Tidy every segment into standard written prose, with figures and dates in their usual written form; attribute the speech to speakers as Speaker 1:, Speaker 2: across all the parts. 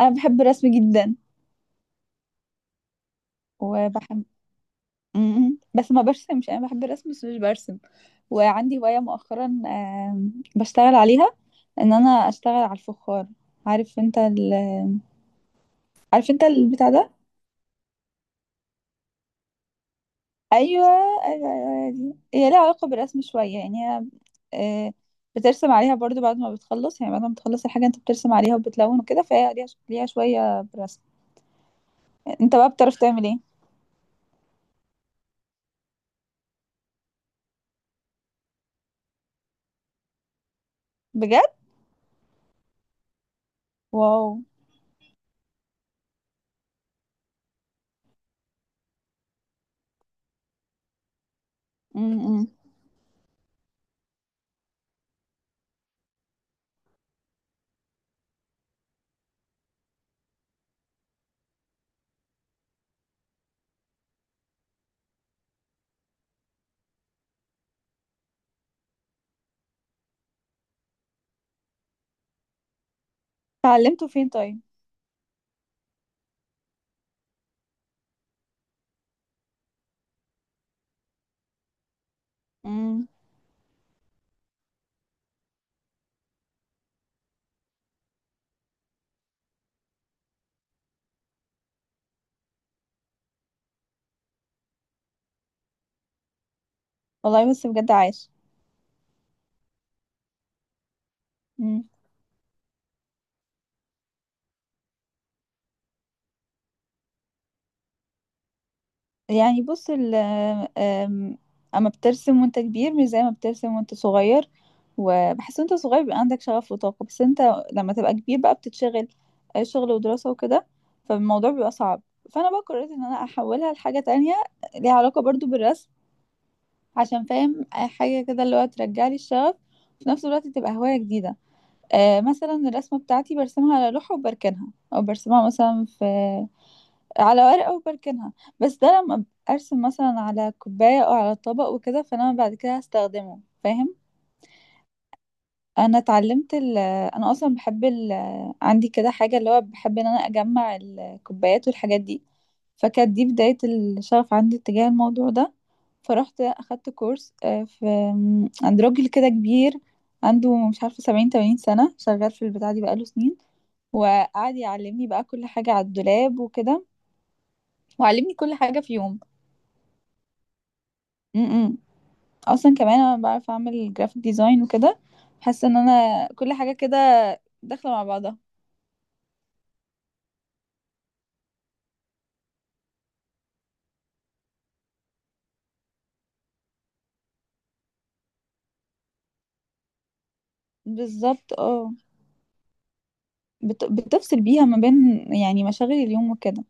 Speaker 1: انا بحب الرسم جدا وبحب بس ما برسمش، انا بحب الرسم بس مش برسم. وعندي هواية مؤخرا بشتغل عليها، ان انا اشتغل على الفخار. عارف انت ال... عارف انت البتاع ده؟ ايوه ايوه ايوه، هي دي. هي ليها علاقة بالرسم شوية، يعني هي. آه، بترسم عليها برضو بعد ما بتخلص، يعني بعد ما بتخلص الحاجة انت بترسم عليها وبتلون وكده، فهي ليها شوية برسم. انت بقى بتعرف تعمل ايه؟ بجد؟ واو. م-م. اتعلمته فين؟ طيب، والله بص بجد، عايش. مم. يعني بص أم- اما بترسم وانت كبير مش زي ما بترسم وانت صغير، وبحس وانت صغير بيبقى عندك شغف وطاقة، بس انت لما تبقى كبير بقى بتتشغل، شغل ودراسة وكده، فالموضوع بيبقى صعب. فانا بقى قررت ان انا احولها لحاجة تانية ليها علاقة برضو بالرسم، عشان فاهم حاجة كده اللي هو ترجع لي الشغف وفي نفس الوقت تبقى هواية جديدة. مثلا الرسمة بتاعتي برسمها على لوحة وبركنها، او برسمها مثلا في على ورقة وبركنها. بس ده لما ارسم مثلا على كوباية او على طبق وكده، فانا بعد كده هستخدمه، فاهم؟ انا اتعلمت ال، انا اصلا بحب ال، عندي كده حاجة اللي هو بحب ان انا اجمع الكوبايات والحاجات دي، فكانت دي بداية الشغف عندي تجاه الموضوع ده. فرحت اخدت كورس آه، في م، عند راجل كده كبير، عنده مش عارفة سبعين تمانين سنة شغال في البتاع دي بقاله سنين. وقعد يعلمني بقى كل حاجة على الدولاب وكده، وعلمني كل حاجة في يوم. اصلا كمان انا بعرف اعمل جرافيك ديزاين وكده، حاسه ان انا كل حاجه كده داخله مع بعضها. بالظبط اه، بتفصل بيها ما بين يعني مشاغل اليوم وكده.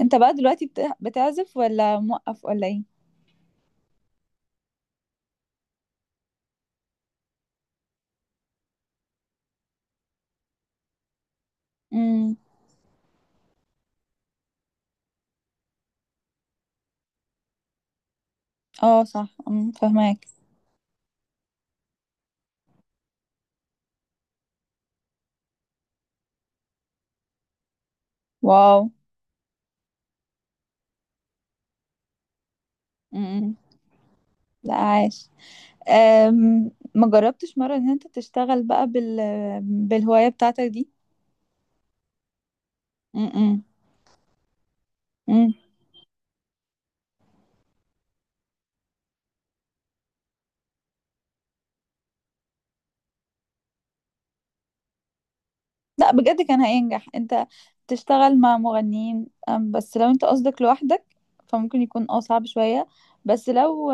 Speaker 1: انت بقى دلوقتي بتعزف ولا موقف ولا ايه؟ امم. اه صح، امم، فهماك. واو. امم. لا، عاش. ما جربتش مره ان انت تشتغل بقى بالهوايه بتاعتك دي؟ امم. لا بجد، كان هينجح، انت تشتغل مع مغنيين، بس لو انت قصدك لوحدك فممكن يكون اه صعب شوية. بس لو،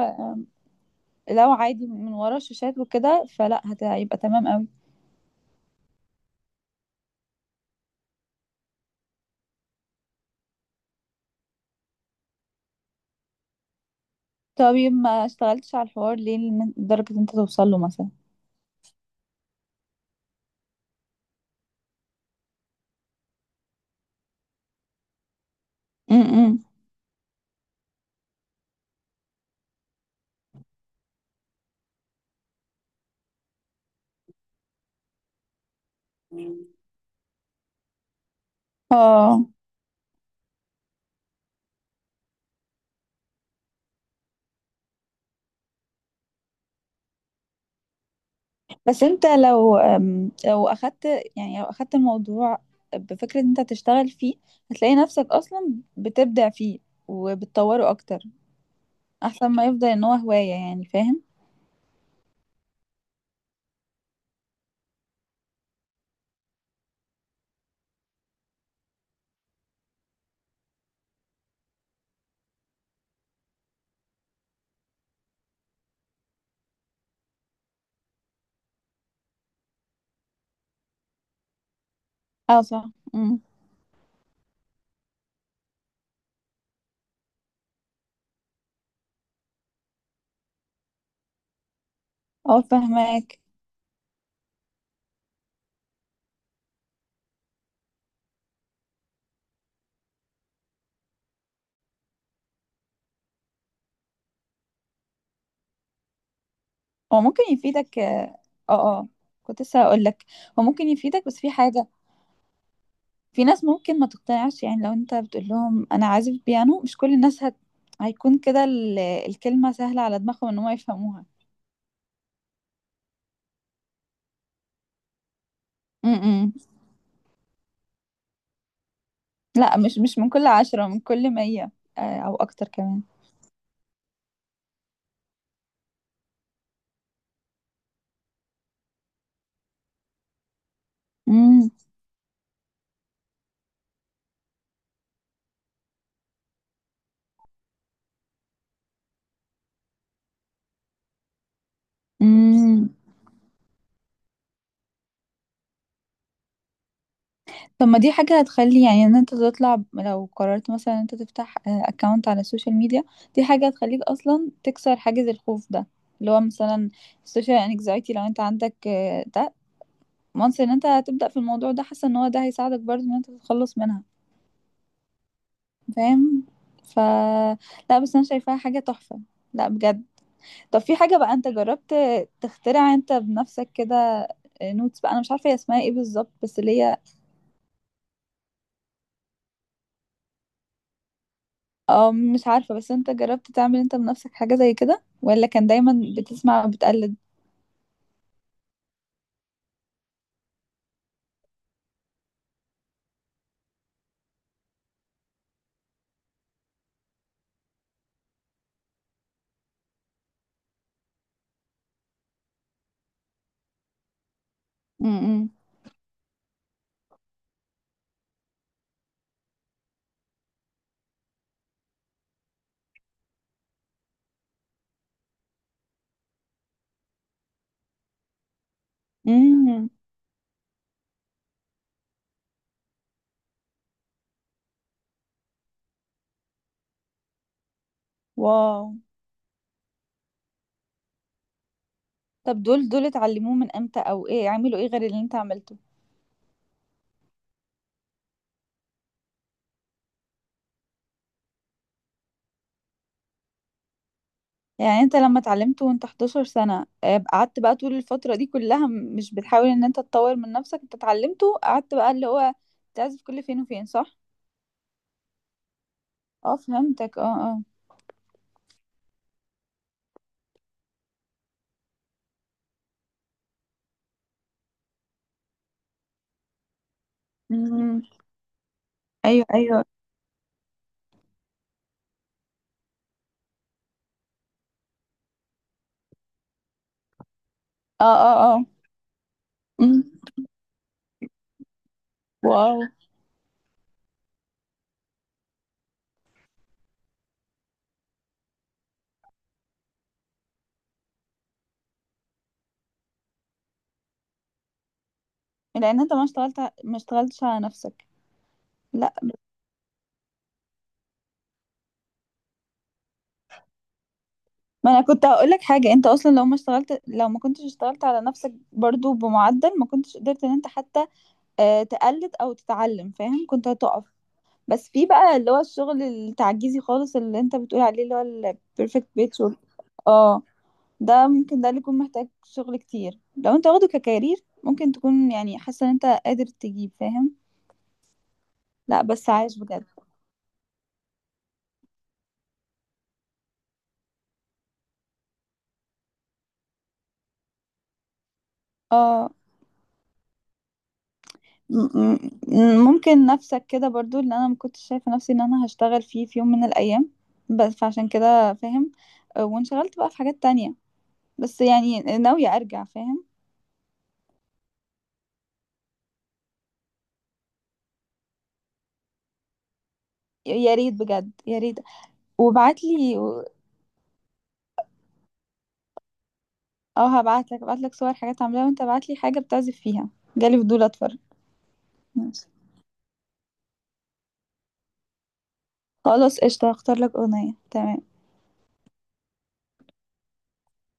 Speaker 1: لو عادي من ورا الشاشات وكده فلا هيبقى تمام قوي. طيب، ما اشتغلتش على الحوار ليه لدرجة انت توصل له مثلا؟ امم. اه بس انت لو أم، لو اخدت يعني لو اخدت الموضوع بفكرة انت تشتغل فيه، هتلاقي نفسك اصلا بتبدع فيه وبتطوره اكتر، احسن ما يفضل ان هو هواية يعني، فاهم؟ اه صح، امم، اه فهماك. هو ممكن يفيدك، اه اه، كنت لسه هقول لك، هو ممكن يفيدك بس في حاجة، في ناس ممكن ما تقتنعش، يعني لو انت بتقول لهم انا عازف بيانو مش كل الناس هيكون كده الكلمة سهلة على دماغهم ان هم يفهموها. امم. لا، مش من كل 10، من كل 100. او اكتر كمان. امم. طب ما دي حاجة هتخلي يعني ان انت تطلع، لو قررت مثلا ان انت تفتح اكونت على السوشيال ميديا، دي حاجة هتخليك اصلا تكسر حاجز الخوف ده، اللي هو مثلا السوشيال انكزايتي لو انت عندك، ده once ان انت هتبدأ في الموضوع ده، حاسة ان هو ده هيساعدك برضه ان انت تتخلص منها، فاهم؟ ف، لا بس انا شايفاها حاجة تحفة، لا بجد. طب في حاجة بقى انت جربت تخترع انت بنفسك كده نوتس بقى، انا مش عارفة هي اسمها ايه بالظبط بس اللي هي، اه مش عارفة، بس انت جربت تعمل انت بنفسك حاجة زي كده ولا كان دايما بتسمع وبتقلد؟ امم. امم. واو. طب دول اتعلموه من امتى او ايه عملوا ايه غير اللي انت عملته؟ يعني انت لما اتعلمته وانت 11 سنة، قعدت بقى طول الفترة دي كلها مش بتحاول ان انت تطور من نفسك، انت اتعلمته قعدت بقى اللي هو تعزف كل فين وفين صح؟ اه فهمتك، اه اه. امم. ايوه ايوه. اه اه اه. امم. واو. لان انت ما اشتغلتش على نفسك. ما انا كنت هقول لك حاجه، انت اصلا لو ما كنتش اشتغلت على نفسك برضو بمعدل ما كنتش قدرت ان انت حتى تقلد او تتعلم، فاهم؟ كنت هتقف. بس في بقى اللي هو الشغل التعجيزي خالص اللي انت بتقول عليه اللي هو البيرفكت بيت شغل. اه ده ممكن، ده اللي يكون محتاج شغل كتير لو انت واخده ككارير، ممكن تكون يعني حاسه ان انت قادر تجيب، فاهم؟ لا بس عايش بجد. اه م- ممكن نفسك كده برضو، اللي انا ما كنتش شايفه نفسي ان انا هشتغل فيه في يوم من الايام بس، فعشان كده، فاهم؟ وانشغلت بقى في حاجات تانية بس يعني ناويه ارجع، فاهم؟ يا ريت بجد، يا ريت. وبعت لي، اه هبعت لك، ابعت لك صور حاجات عاملاها، وانت ابعت لي حاجه بتعزف فيها، جالي فضول اتفرج. ماشي. خلاص قشطه، هختار لك اغنيه، تمام.